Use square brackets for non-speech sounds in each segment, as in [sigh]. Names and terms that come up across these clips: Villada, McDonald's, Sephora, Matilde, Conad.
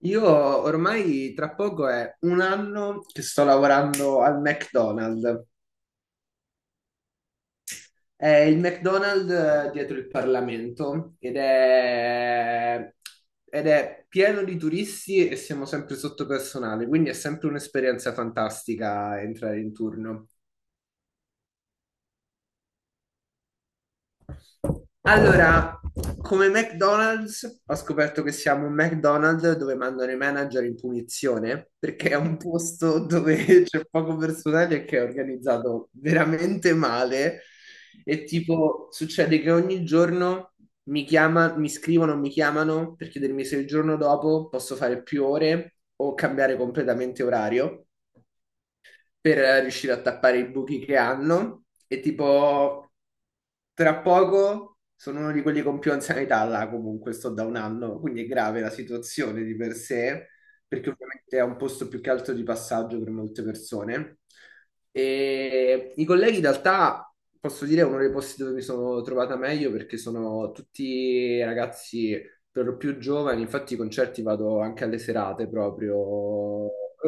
Io ormai tra poco è un anno che sto lavorando al McDonald's. È il McDonald's dietro il Parlamento ed è pieno di turisti e siamo sempre sotto personale, quindi è sempre un'esperienza fantastica entrare in turno. Allora, come McDonald's, ho scoperto che siamo un McDonald's dove mandano i manager in punizione perché è un posto dove [laughs] c'è poco personale e che è organizzato veramente male. E tipo, succede che ogni giorno mi chiama, mi scrivono, mi chiamano per chiedermi se il giorno dopo posso fare più ore o cambiare completamente orario per riuscire a tappare i buchi che hanno e tipo tra poco sono uno di quelli con più anzianità là, comunque sto da un anno, quindi è grave la situazione di per sé perché ovviamente è un posto più che altro di passaggio per molte persone. E i colleghi in realtà posso dire è uno dei posti dove mi sono trovata meglio perché sono tutti ragazzi per più giovani, infatti i concerti vado anche alle serate proprio,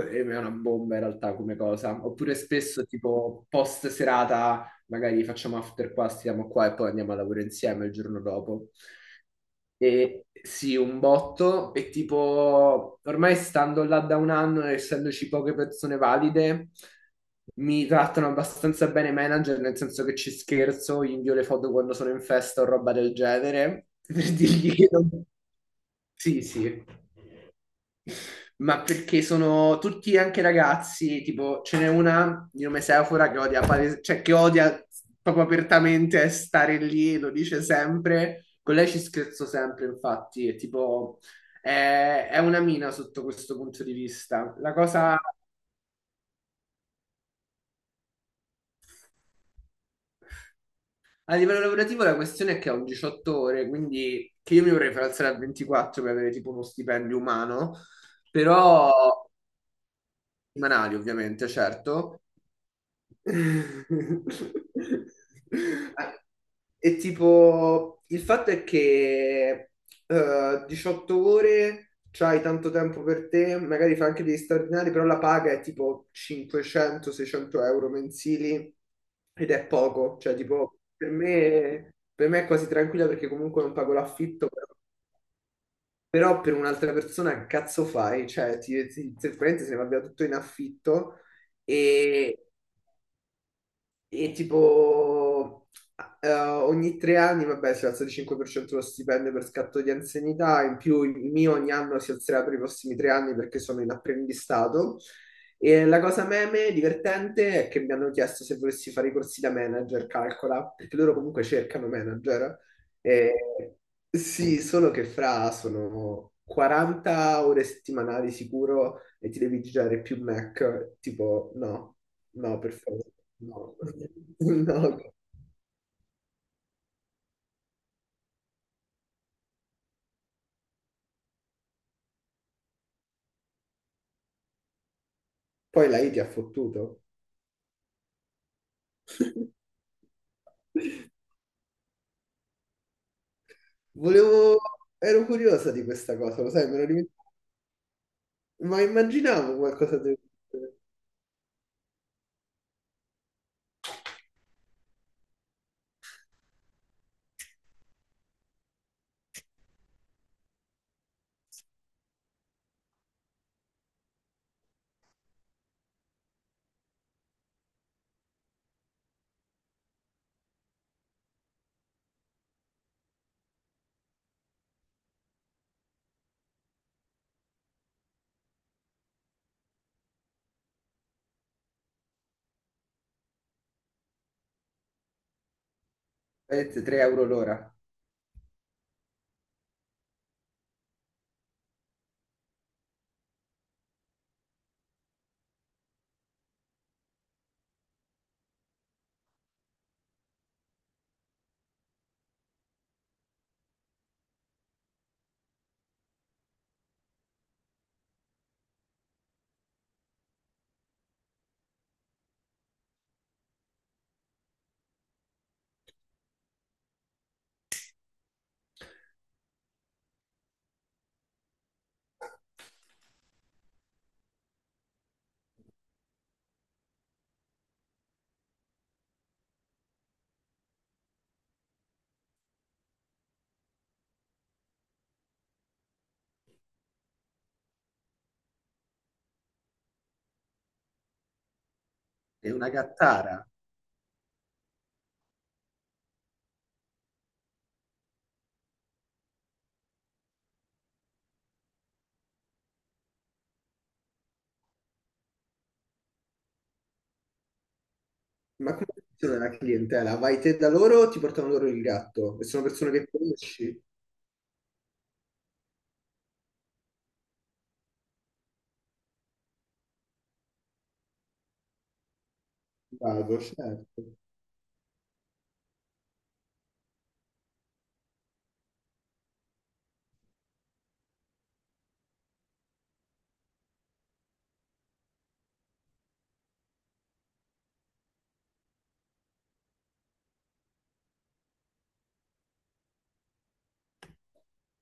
e è una bomba in realtà come cosa. Oppure spesso tipo post serata, magari facciamo after qua, stiamo qua e poi andiamo a lavoro insieme il giorno dopo. E sì, un botto, e tipo ormai stando là da un anno, e essendoci poche persone valide, mi trattano abbastanza bene i manager, nel senso che ci scherzo, gli invio le foto quando sono in festa o roba del genere, [laughs] per dirgli che non. Sì, sì, ma perché sono tutti anche ragazzi, tipo ce n'è una di nome Sephora che odia, cioè che odia proprio apertamente stare lì, lo dice sempre, con lei ci scherzo sempre, infatti, è tipo, è una mina sotto questo punto di vista. La cosa, a livello lavorativo la questione è che ho un 18 ore, quindi che io mi vorrei far alzare a 24 per avere tipo uno stipendio umano, però, settimanali ovviamente, certo. [laughs] E tipo, il fatto è che 18 ore, c'hai tanto tempo per te, magari fai anche degli straordinari, però la paga è tipo 500-600 euro mensili ed è poco, cioè tipo, per me è quasi tranquilla perché comunque non pago l'affitto, però, però per un'altra persona che cazzo fai? Cioè, praticamente se ne va via tutto in affitto e, e tipo, ogni tre anni, vabbè, si alza di 5% lo stipendio per scatto di anzianità, in più il mio ogni anno si alzerà per i prossimi tre anni perché sono in apprendistato. E la cosa meme divertente è che mi hanno chiesto se volessi fare i corsi da manager, calcola, perché loro comunque cercano manager. E sì, solo che fra sono 40 ore settimanali sicuro e ti devi girare più Mac, tipo no. No, per favore, no. [laughs] No. Poi la I ti ha fottuto? [laughs] Volevo. Ero curiosa di questa cosa, lo sai, me lo dimenticavo. Ma immaginavo qualcosa del genere. 3 euro l'ora. È una gattara. Ma come funziona la clientela? Vai te da loro o ti portano loro il gatto? E sono persone che conosci? Vado, certo.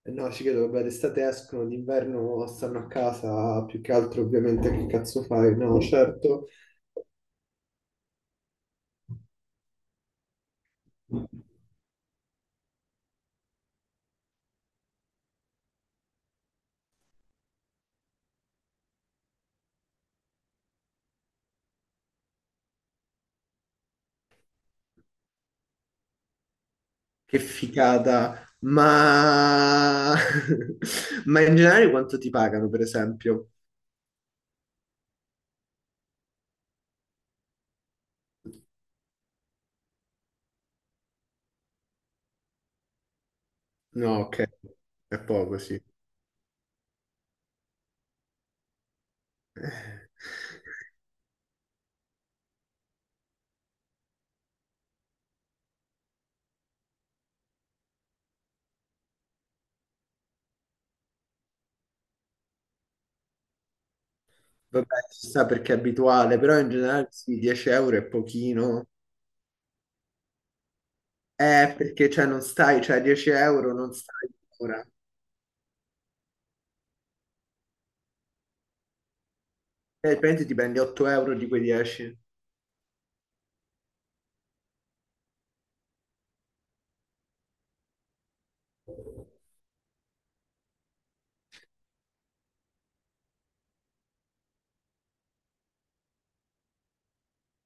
E no, ci credo, vabbè, d'estate escono, d'inverno stanno a casa, più che altro ovviamente che cazzo fai? No, certo. Che figata, ma. [laughs] Ma in generale quanto ti pagano, per esempio? No, ok, è poco, sì. Vabbè, si sa perché è abituale, però in generale sì, 10 euro è pochino. Perché cioè non stai, cioè 10 euro non stai ora. E praticamente ti prendi 8 euro di quei 10.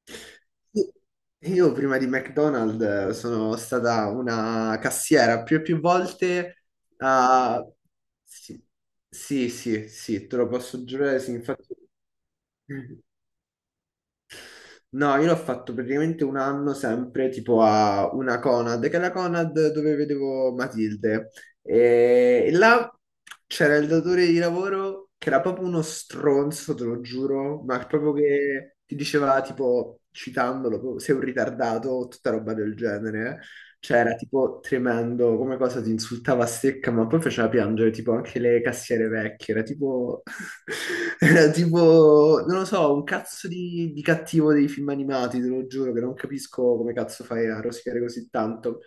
Sì. Io prima di McDonald's sono stata una cassiera più e più volte. Ah, sì, sì, sì, sì, te lo posso giurare. Sì, infatti. No, io l'ho fatto praticamente un anno sempre tipo a una Conad, che è la Conad dove vedevo Matilde. E là c'era il datore di lavoro che era proprio uno stronzo, te lo giuro, ma proprio che ti diceva tipo, citandolo, proprio, sei un ritardato o tutta roba del genere. Cioè era tipo tremendo, come cosa ti insultava a secca, ma poi faceva piangere tipo anche le cassiere vecchie, era tipo. [laughs] Era tipo, non lo so, un cazzo di cattivo dei film animati, te lo giuro, che non capisco come cazzo fai a rosicare così tanto.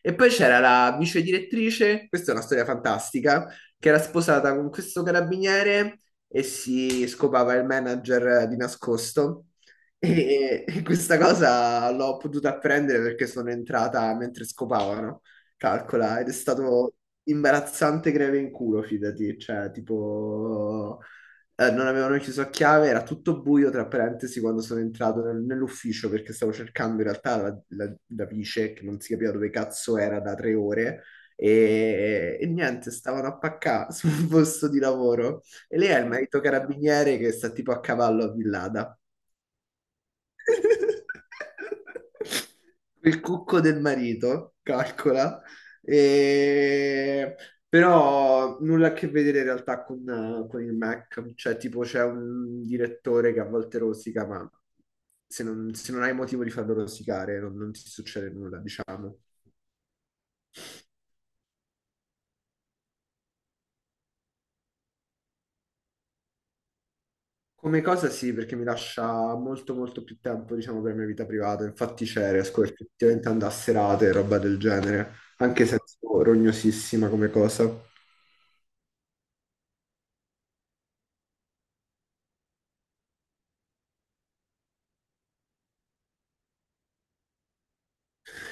E poi c'era la vice direttrice, questa è una storia fantastica, che era sposata con questo carabiniere e si scopava il manager di nascosto. E questa cosa l'ho potuta apprendere perché sono entrata mentre scopavano, calcola, ed è stato imbarazzante greve in culo, fidati, cioè tipo non avevano chiuso a chiave, era tutto buio, tra parentesi, quando sono entrato nell'ufficio perché stavo cercando in realtà la vice, che non si capiva dove cazzo era da 3 ore, niente, stavano a paccà [laughs] sul posto di lavoro. E lei ha il marito carabiniere che sta tipo a cavallo a Villada. [laughs] Il cucco del marito, calcola. E- Però nulla a che vedere in realtà con il Mac, cioè tipo c'è un direttore che a volte rosica, ma se non hai motivo di farlo rosicare non ti succede nulla, diciamo. Come cosa sì, perché mi lascia molto molto più tempo, diciamo, per la mia vita privata, infatti c'è, riesco effettivamente ad andare a serate e roba del genere, anche se è un po' rognosissima come cosa.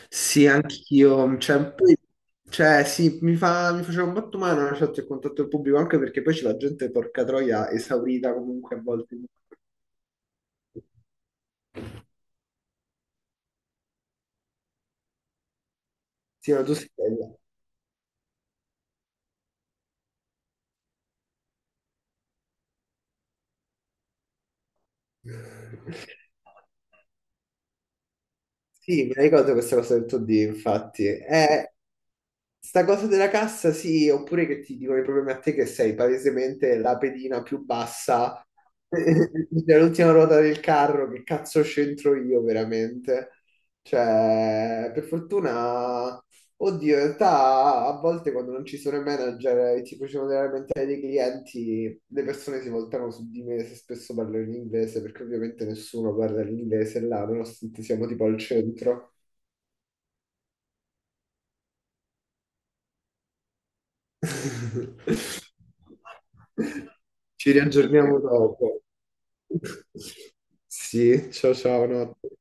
Sì, anch'io, cioè, cioè, sì, mi faceva un botto male una chat e contatto il pubblico, anche perché poi c'è la gente, porca troia, esaurita comunque a volte. Sì, ma tu sei bella. Sì, mi ricordo questa cosa del 2D, infatti. Sta cosa della cassa, sì, oppure che ti dicono i problemi a te che sei palesemente la pedina più bassa [laughs] dell'ultima ruota del carro, che cazzo c'entro io veramente? Cioè, per fortuna, oddio, in realtà a volte quando non ci sono i manager e ti facevano delle lamentele dei clienti, le persone si voltano su di me se spesso parlo in inglese, perché ovviamente nessuno parla l'inglese là, nonostante siamo tipo al centro. [laughs] Ci riaggiorniamo dopo. [laughs] Sì, ciao ciao, notte.